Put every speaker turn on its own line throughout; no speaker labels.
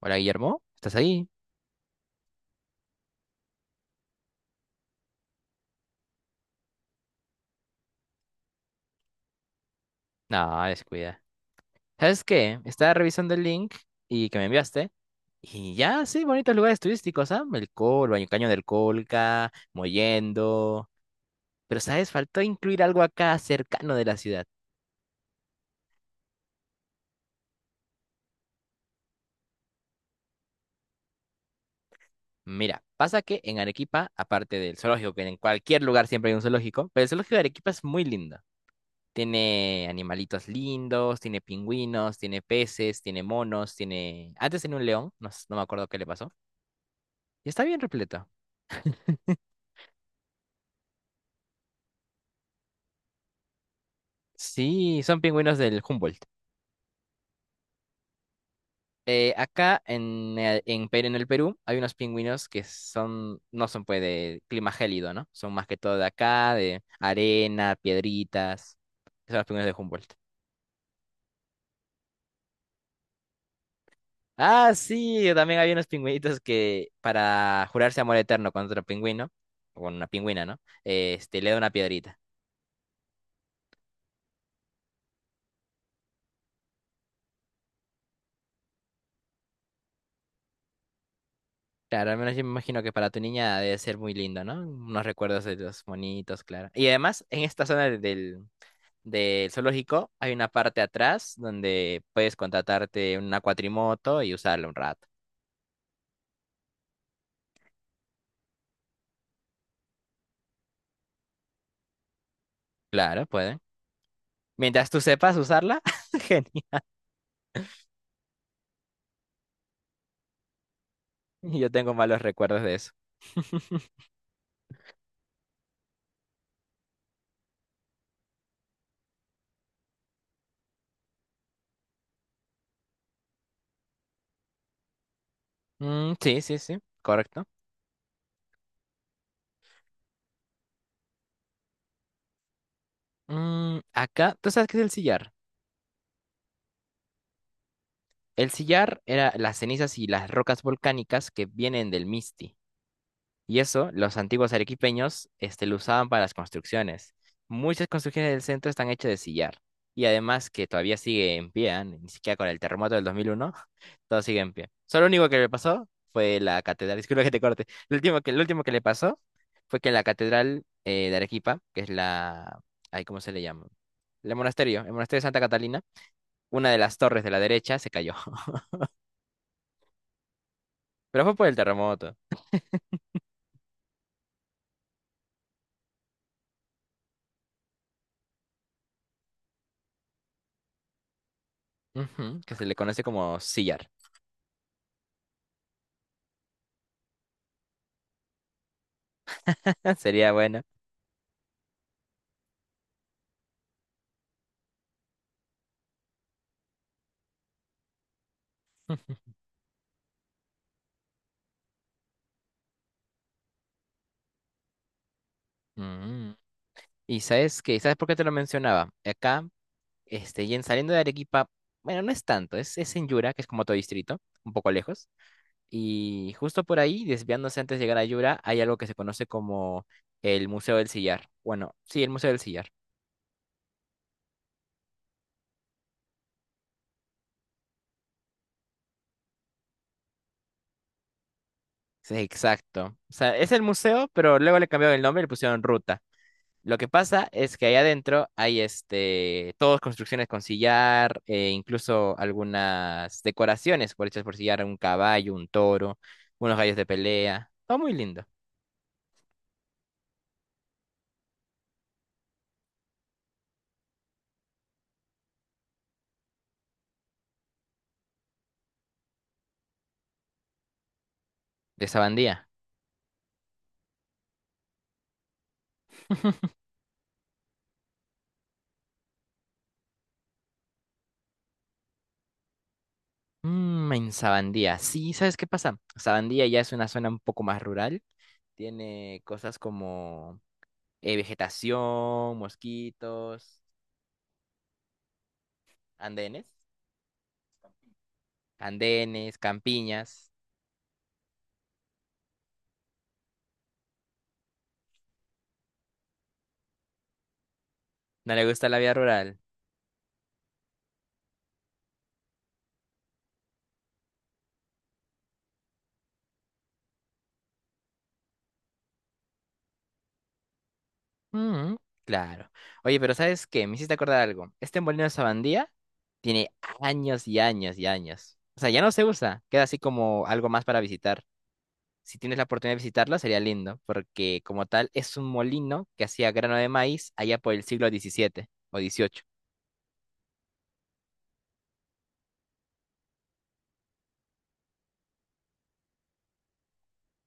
Hola Guillermo, ¿estás ahí? No, descuida. ¿Sabes qué? Estaba revisando el link y que me enviaste. Y ya, sí, bonitos lugares turísticos, ¿ah? El Col, baño Caño del Colca, Mollendo. Pero, ¿sabes? Faltó incluir algo acá cercano de la ciudad. Mira, pasa que en Arequipa, aparte del zoológico, que en cualquier lugar siempre hay un zoológico, pero el zoológico de Arequipa es muy lindo. Tiene animalitos lindos, tiene pingüinos, tiene peces, tiene monos, tiene... Antes tenía un león, no, no me acuerdo qué le pasó. Y está bien repleto. Sí, son pingüinos del Humboldt. Acá en en el Perú hay unos pingüinos que son, no son pues de clima gélido, ¿no? Son más que todo de acá, de arena, piedritas. Esos son los pingüinos de Humboldt. Ah, sí, también había unos pingüinitos que para jurarse amor eterno con otro pingüino, o con una pingüina, ¿no? Le da una piedrita. Claro, al menos yo me imagino que para tu niña debe ser muy lindo, ¿no? Unos recuerdos de los monitos, claro. Y además, en esta zona del zoológico, hay una parte atrás donde puedes contratarte una cuatrimoto y usarla un rato. Claro, pueden. Mientras tú sepas usarla, genial. Yo tengo malos recuerdos de eso. Mm, sí, sí, sí, correcto. Mm, acá, ¿tú sabes qué es el sillar? El sillar era las cenizas y las rocas volcánicas que vienen del Misti. Y eso, los antiguos arequipeños, lo usaban para las construcciones. Muchas construcciones del centro están hechas de sillar. Y además que todavía sigue en pie, ¿ah? Ni siquiera con el terremoto del 2001, todo sigue en pie. Solo lo único que le pasó fue la catedral, disculpa que te corte, lo último que le pasó fue que la catedral de Arequipa, que es la, ay, ¿cómo se le llama? El monasterio de Santa Catalina, una de las torres de la derecha se cayó, pero fue por el terremoto. Ujú, que se le conoce como sillar. Sería bueno. Y sabes que, ¿sabes por qué te lo mencionaba? Acá, y en saliendo de Arequipa, bueno, no es tanto, es en Yura, que es como otro distrito, un poco lejos. Y justo por ahí, desviándose antes de llegar a Yura, hay algo que se conoce como el Museo del Sillar. Bueno, sí, el Museo del Sillar. Sí, exacto. O sea, es el museo, pero luego le cambiaron el nombre y le pusieron ruta. Lo que pasa es que ahí adentro hay todas construcciones con sillar, e incluso algunas decoraciones por hechas por sillar, un caballo, un toro, unos gallos de pelea. Todo muy lindo. De Sabandía. Mmm, en Sabandía. Sí, ¿sabes qué pasa? Sabandía ya es una zona un poco más rural. Tiene cosas como vegetación, mosquitos, andenes, campiñas. No le gusta la vida rural. Mm, claro. Oye, pero ¿sabes qué? Me hiciste acordar algo. Este molino de sabandía tiene años y años y años. O sea, ya no se usa. Queda así como algo más para visitar. Si tienes la oportunidad de visitarlo, sería lindo, porque como tal es un molino que hacía grano de maíz allá por el siglo 17 o 18.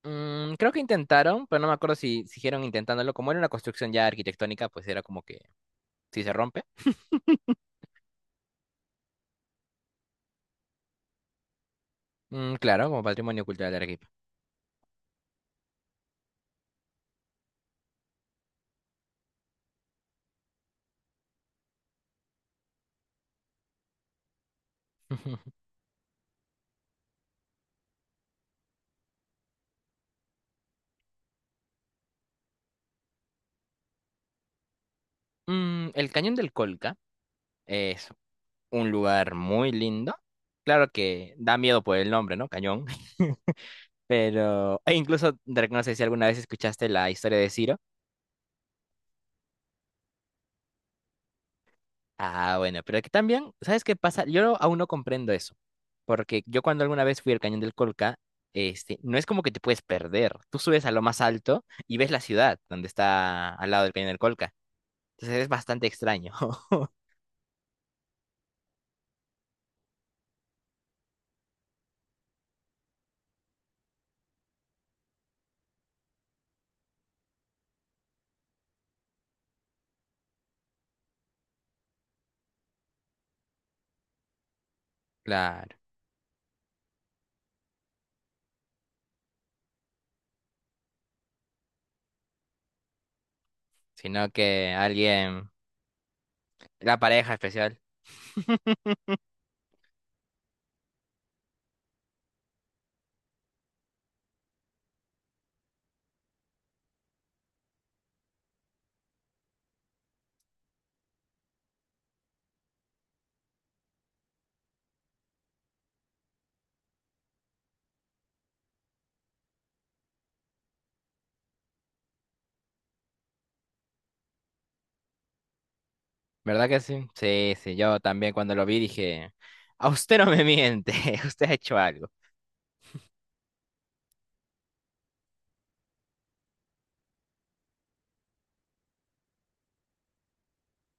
Mm, creo que intentaron, pero no me acuerdo si siguieron intentándolo. Como era una construcción ya arquitectónica, pues era como que si se rompe. Mm, claro, como patrimonio cultural de Arequipa. Mm, el cañón del Colca. Un lugar muy lindo. Claro que da miedo por el nombre, ¿no? Cañón. Pero, e incluso, Drake, no sé si alguna vez escuchaste la historia de Ciro. Ah, bueno, pero que también, ¿sabes qué pasa? Yo aún no comprendo eso. Porque yo cuando alguna vez fui al Cañón del Colca, no es como que te puedes perder. Tú subes a lo más alto y ves la ciudad donde está al lado del Cañón del Colca. Entonces es bastante extraño. Claro. Sino que alguien, la pareja especial. ¿Verdad que sí? Sí, sí, yo también cuando lo vi dije, a usted no me miente, usted ha hecho algo.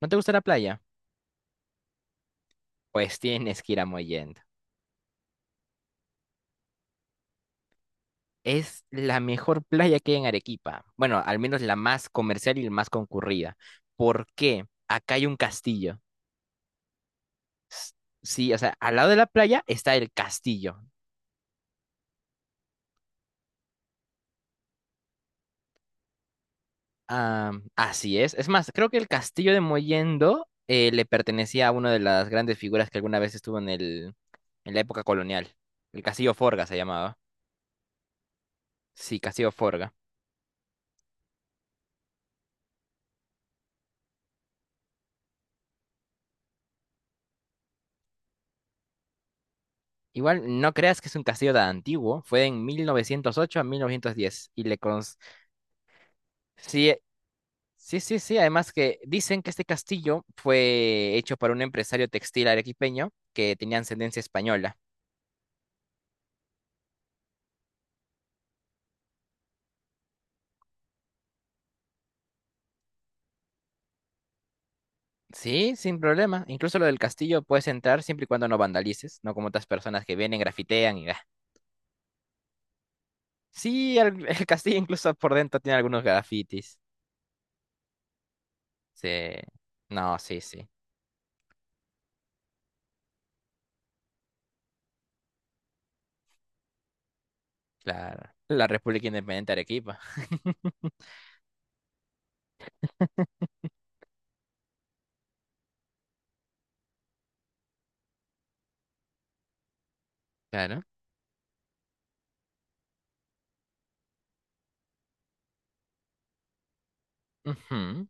¿No te gusta la playa? Pues tienes que ir a Mollendo. Es la mejor playa que hay en Arequipa. Bueno, al menos la más comercial y la más concurrida. ¿Por qué? Acá hay un castillo. S- Sí, o sea, al lado de la playa está el castillo. Ah, así es. Es más, creo que el castillo de Mollendo le pertenecía a una de las grandes figuras que alguna vez estuvo en en la época colonial. El castillo Forga se llamaba. Sí, Castillo Forga. Igual no creas que es un castillo tan antiguo, fue en 1908 a 1910 y le cons- Sí, sí, sí, sí, además que dicen que este castillo fue hecho por un empresario textil arequipeño que tenía ascendencia española. Sí, sin problema. Incluso lo del castillo puedes entrar siempre y cuando no vandalices, no como otras personas que vienen, grafitean y... ah. Sí, el, el castillo incluso por dentro tiene algunos grafitis. Sí. No, sí, sí. Claro. La República Independiente de Arequipa. Claro. Ujú.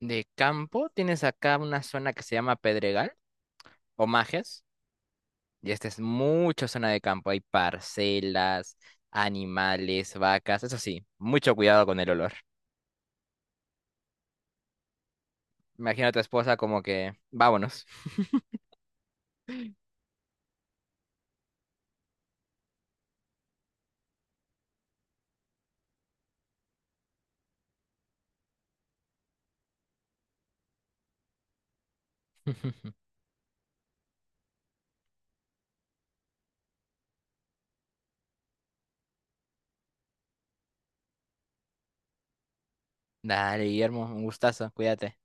De campo tienes acá una zona que se llama Pedregal o Majes, y esta es mucha zona de campo. Hay parcelas, animales, vacas, eso sí, mucho cuidado con el olor. Imagino a tu esposa como que, vámonos. Dale, Guillermo, un gustazo, cuídate.